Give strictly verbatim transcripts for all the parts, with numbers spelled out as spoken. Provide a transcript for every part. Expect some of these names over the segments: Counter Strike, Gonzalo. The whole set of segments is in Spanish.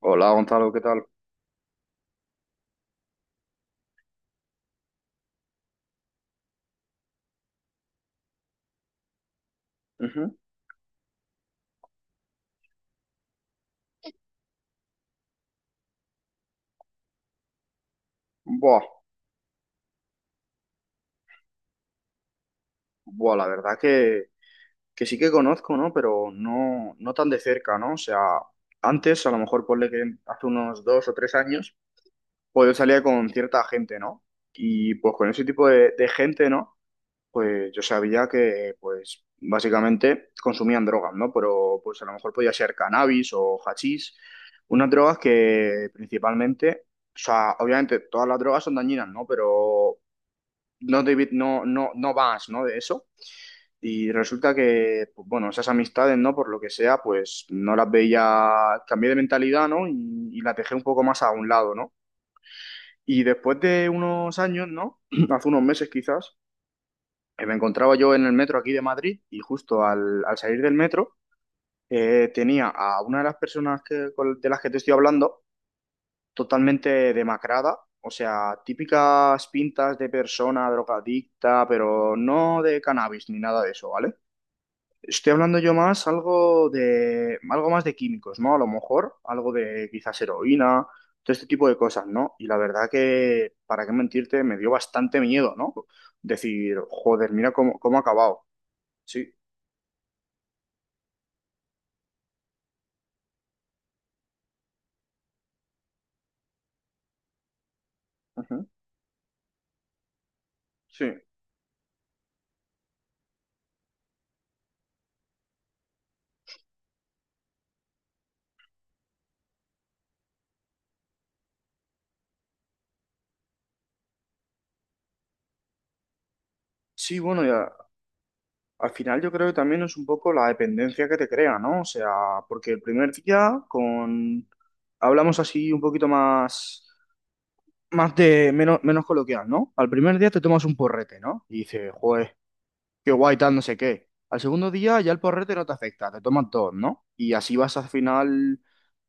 Hola Gonzalo, ¿qué tal? Ujú. Buah, buah, la verdad que, que sí que conozco, ¿no? Pero no, no tan de cerca, ¿no? O sea, antes, a lo mejor ponle que hace unos dos o tres años, pues yo salía con cierta gente, ¿no? Y pues con ese tipo de, de gente, ¿no? Pues yo sabía que, pues, básicamente consumían drogas, ¿no? Pero pues a lo mejor podía ser cannabis o hachís, unas drogas que principalmente... O sea, obviamente todas las drogas son dañinas, ¿no? Pero no, David, no, no, no vas, ¿no? De eso. Y resulta que, pues, bueno, esas amistades, ¿no? Por lo que sea, pues no las veía, cambié de mentalidad, ¿no? Y, y las dejé un poco más a un lado, ¿no? Y después de unos años, ¿no? Hace unos meses quizás, eh, me encontraba yo en el metro aquí de Madrid y justo al, al salir del metro eh, tenía a una de las personas que, con- de las que te estoy hablando totalmente demacrada, o sea, típicas pintas de persona drogadicta, pero no de cannabis ni nada de eso, ¿vale? Estoy hablando yo más algo de algo más de químicos, ¿no? A lo mejor algo de quizás heroína, todo este tipo de cosas, ¿no? Y la verdad que, para qué mentirte, me dio bastante miedo, ¿no? Decir, joder, mira cómo, cómo ha acabado. Sí. Ujú. Sí. Sí, bueno, ya. Al final yo creo que también es un poco la dependencia que te crea, ¿no? O sea, porque el primer día con hablamos así un poquito más más de menos menos coloquial, ¿no? Al primer día te tomas un porrete, ¿no? Y dices, joder, qué guay tal, no sé qué. Al segundo día ya el porrete no te afecta, te tomas dos, ¿no? Y así vas al final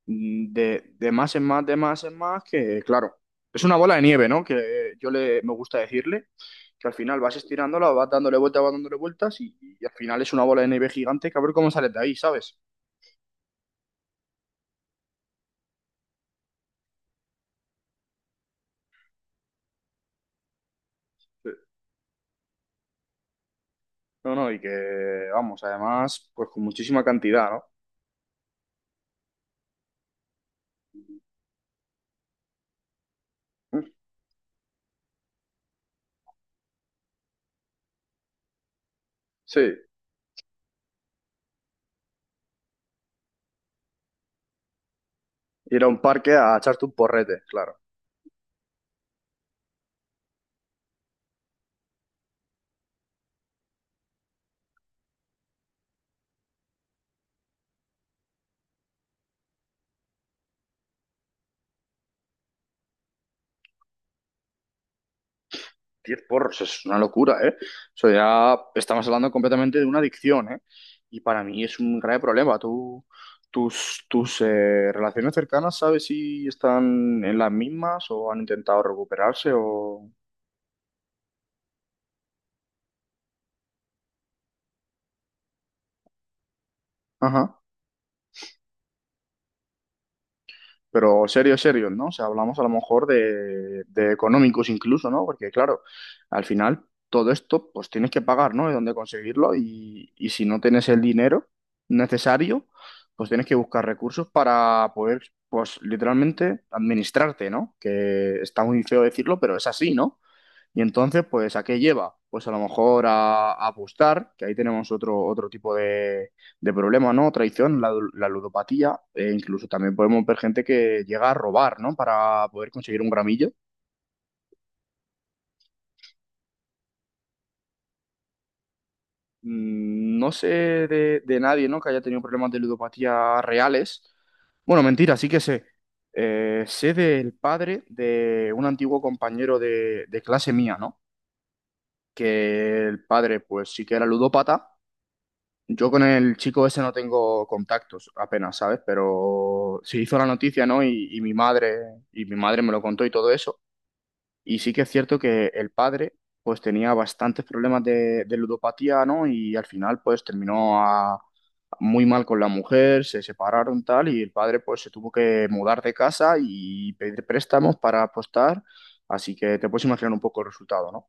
mm, de, de más en más, de más en más, que claro, es una bola de nieve, ¿no? Que yo le me gusta decirle que al final vas estirándola, vas dándole vueltas, vas dándole vueltas y, y al final es una bola de nieve gigante que a ver cómo sales de ahí, ¿sabes? Sí. No, no, y que, vamos, además, pues con muchísima cantidad, ¿no? Sí. Ir a un parque a echarte un porrete, claro. Diez porros, es una locura, ¿eh? Eso ya estamos hablando completamente de una adicción, ¿eh? Y para mí es un grave problema. Tú, tus tus eh, relaciones cercanas, ¿sabes si están en las mismas o han intentado recuperarse o... Ajá. Pero serio, serio, ¿no? O sea, hablamos a lo mejor de, de económicos incluso, ¿no? Porque claro, al final todo esto pues tienes que pagar, ¿no? De dónde conseguirlo y, y si no tienes el dinero necesario, pues tienes que buscar recursos para poder, pues literalmente administrarte, ¿no? Que está muy feo decirlo, pero es así, ¿no? Y entonces, pues, ¿a qué lleva? Pues a lo mejor a, a apostar, que ahí tenemos otro, otro tipo de, de problema, ¿no? Traición, la, la ludopatía, e incluso también podemos ver gente que llega a robar, ¿no? Para poder conseguir un gramillo. Mm, No sé de, de nadie, ¿no? Que haya tenido problemas de ludopatía reales. Bueno, mentira, sí que sé. Eh, sé del padre de un antiguo compañero de, de clase mía, ¿no? Que el padre, pues, sí que era ludópata. Yo con el chico ese no tengo contactos apenas, ¿sabes? Pero se hizo la noticia, ¿no? Y, y mi madre, y mi madre me lo contó y todo eso. Y sí que es cierto que el padre, pues tenía bastantes problemas de, de ludopatía, ¿no? Y al final, pues terminó a- muy mal con la mujer, se separaron tal, y el padre, pues se tuvo que mudar de casa y pedir préstamos para apostar. Así que te puedes imaginar un poco el resultado, ¿no?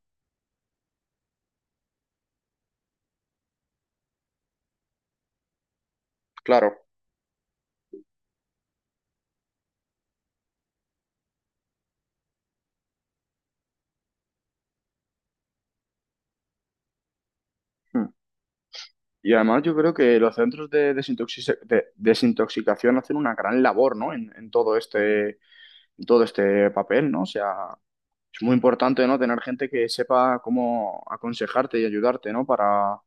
Claro. Y además yo creo que los centros de, desintoxica- de- desintoxicación hacen una gran labor, ¿no? En, en todo este, en todo este papel, ¿no? O sea, es muy importante, ¿no? Tener gente que sepa cómo aconsejarte y ayudarte, ¿no? Para,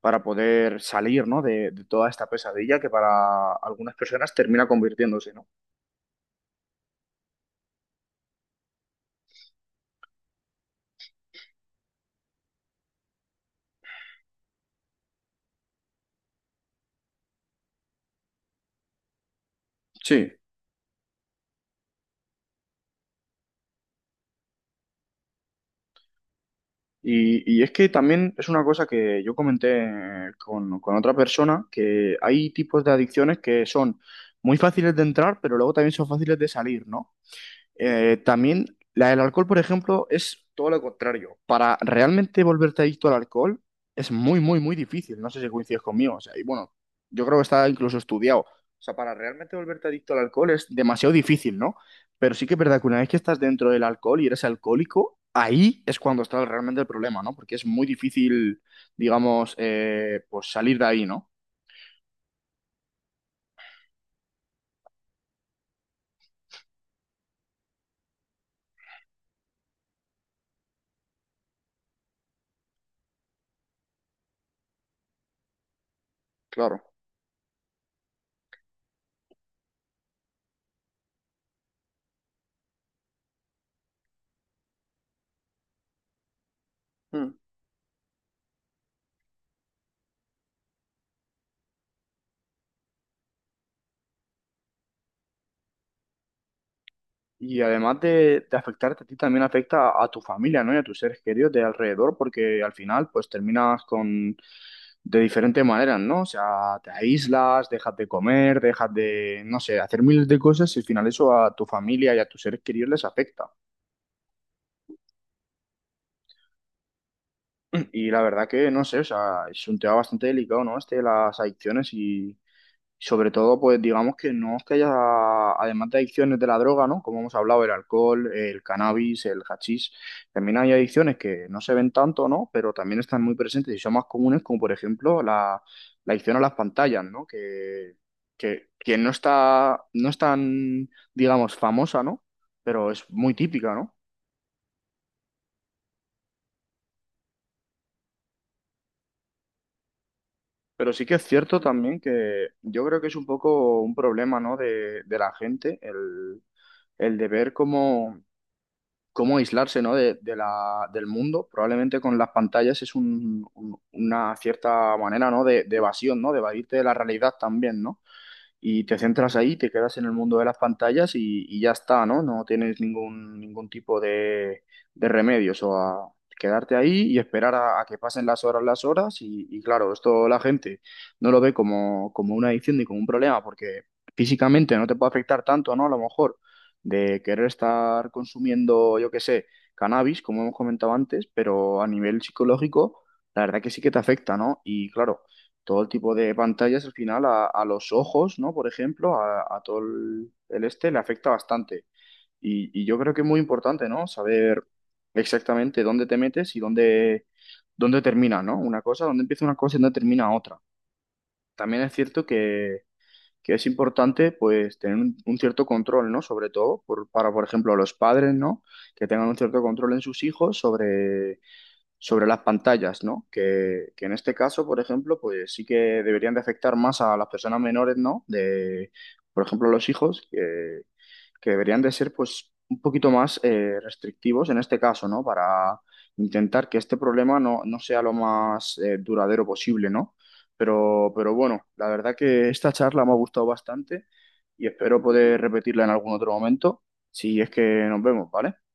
para poder salir, ¿no? De, de toda esta pesadilla que para algunas personas termina convirtiéndose, ¿no? Sí. Y, y es que también es una cosa que yo comenté con, con otra persona, que hay tipos de adicciones que son muy fáciles de entrar, pero luego también son fáciles de salir, ¿no? Eh, también la del alcohol, por ejemplo, es todo lo contrario. Para realmente volverte adicto al alcohol es muy, muy, muy difícil. No sé si coincides conmigo. O sea, y bueno, yo creo que está incluso estudiado. O sea, para realmente volverte adicto al alcohol es demasiado difícil, ¿no? Pero sí que es verdad que una vez que estás dentro del alcohol y eres alcohólico, ahí es cuando está realmente el problema, ¿no? Porque es muy difícil, digamos, eh, pues salir de ahí, ¿no? Claro. Mm. Y además de, de afectarte a ti, también afecta a, a tu familia, ¿no? Y a tus seres queridos de alrededor, porque al final, pues terminas con de diferentes maneras, ¿no? O sea, te aíslas, dejas de comer, dejas de, no sé, hacer miles de cosas y al final eso a tu familia y a tus seres queridos les afecta. Y la verdad que, no sé, o sea, es un tema bastante delicado, ¿no? Este de las adicciones y, sobre todo, pues digamos que no es que haya, además de adicciones de la droga, ¿no? Como hemos hablado, el alcohol, el cannabis, el hachís, también hay adicciones que no se ven tanto, ¿no? Pero también están muy presentes y son más comunes, como por ejemplo la, la adicción a las pantallas, ¿no? Que, que, que no está, no es tan, digamos, famosa, ¿no? Pero es muy típica, ¿no? Pero sí que es cierto también que yo creo que es un poco un problema, ¿no? De, de la gente, el, el de ver cómo cómo aislarse, ¿no? de, de la, del mundo. Probablemente con las pantallas es un- un- una cierta manera, ¿no? de, de evasión, ¿no? De evadirte de la realidad también, ¿no? Y te centras ahí, te quedas en el mundo de las pantallas y, y ya está, ¿no? No tienes ningún, ningún tipo de, de remedios o a quedarte ahí y esperar a, a que pasen las horas, las horas y, y claro, esto la gente no lo ve como, como una adicción ni como un problema porque físicamente no te puede afectar tanto, ¿no? A lo mejor de querer estar consumiendo, yo qué sé, cannabis, como hemos comentado antes, pero a nivel psicológico, la verdad que sí que te afecta, ¿no? Y claro todo el tipo de pantallas al final a, a los ojos, ¿no? Por ejemplo, a, a todo el, el este le afecta bastante. Y, y yo creo que es muy importante, ¿no? Saber exactamente dónde te metes y dónde, dónde termina, ¿no? Una cosa, dónde empieza una cosa y dónde termina otra. También es cierto que, que es importante, pues, tener un, un cierto control, ¿no? Sobre todo por- para, por ejemplo, los padres, ¿no? Que tengan un cierto control en sus hijos sobre sobre las pantallas, ¿no? Que, que en este caso, por ejemplo, pues sí que deberían de afectar más a las personas menores, ¿no? De, por ejemplo, los hijos, que, que deberían de ser, pues, un poquito más eh, restrictivos en este caso, ¿no? Para intentar que este problema no, no sea lo más eh, duradero posible, ¿no? Pero, pero bueno, la verdad que esta charla me ha gustado bastante y espero poder repetirla en algún otro momento, si es que nos vemos, ¿vale?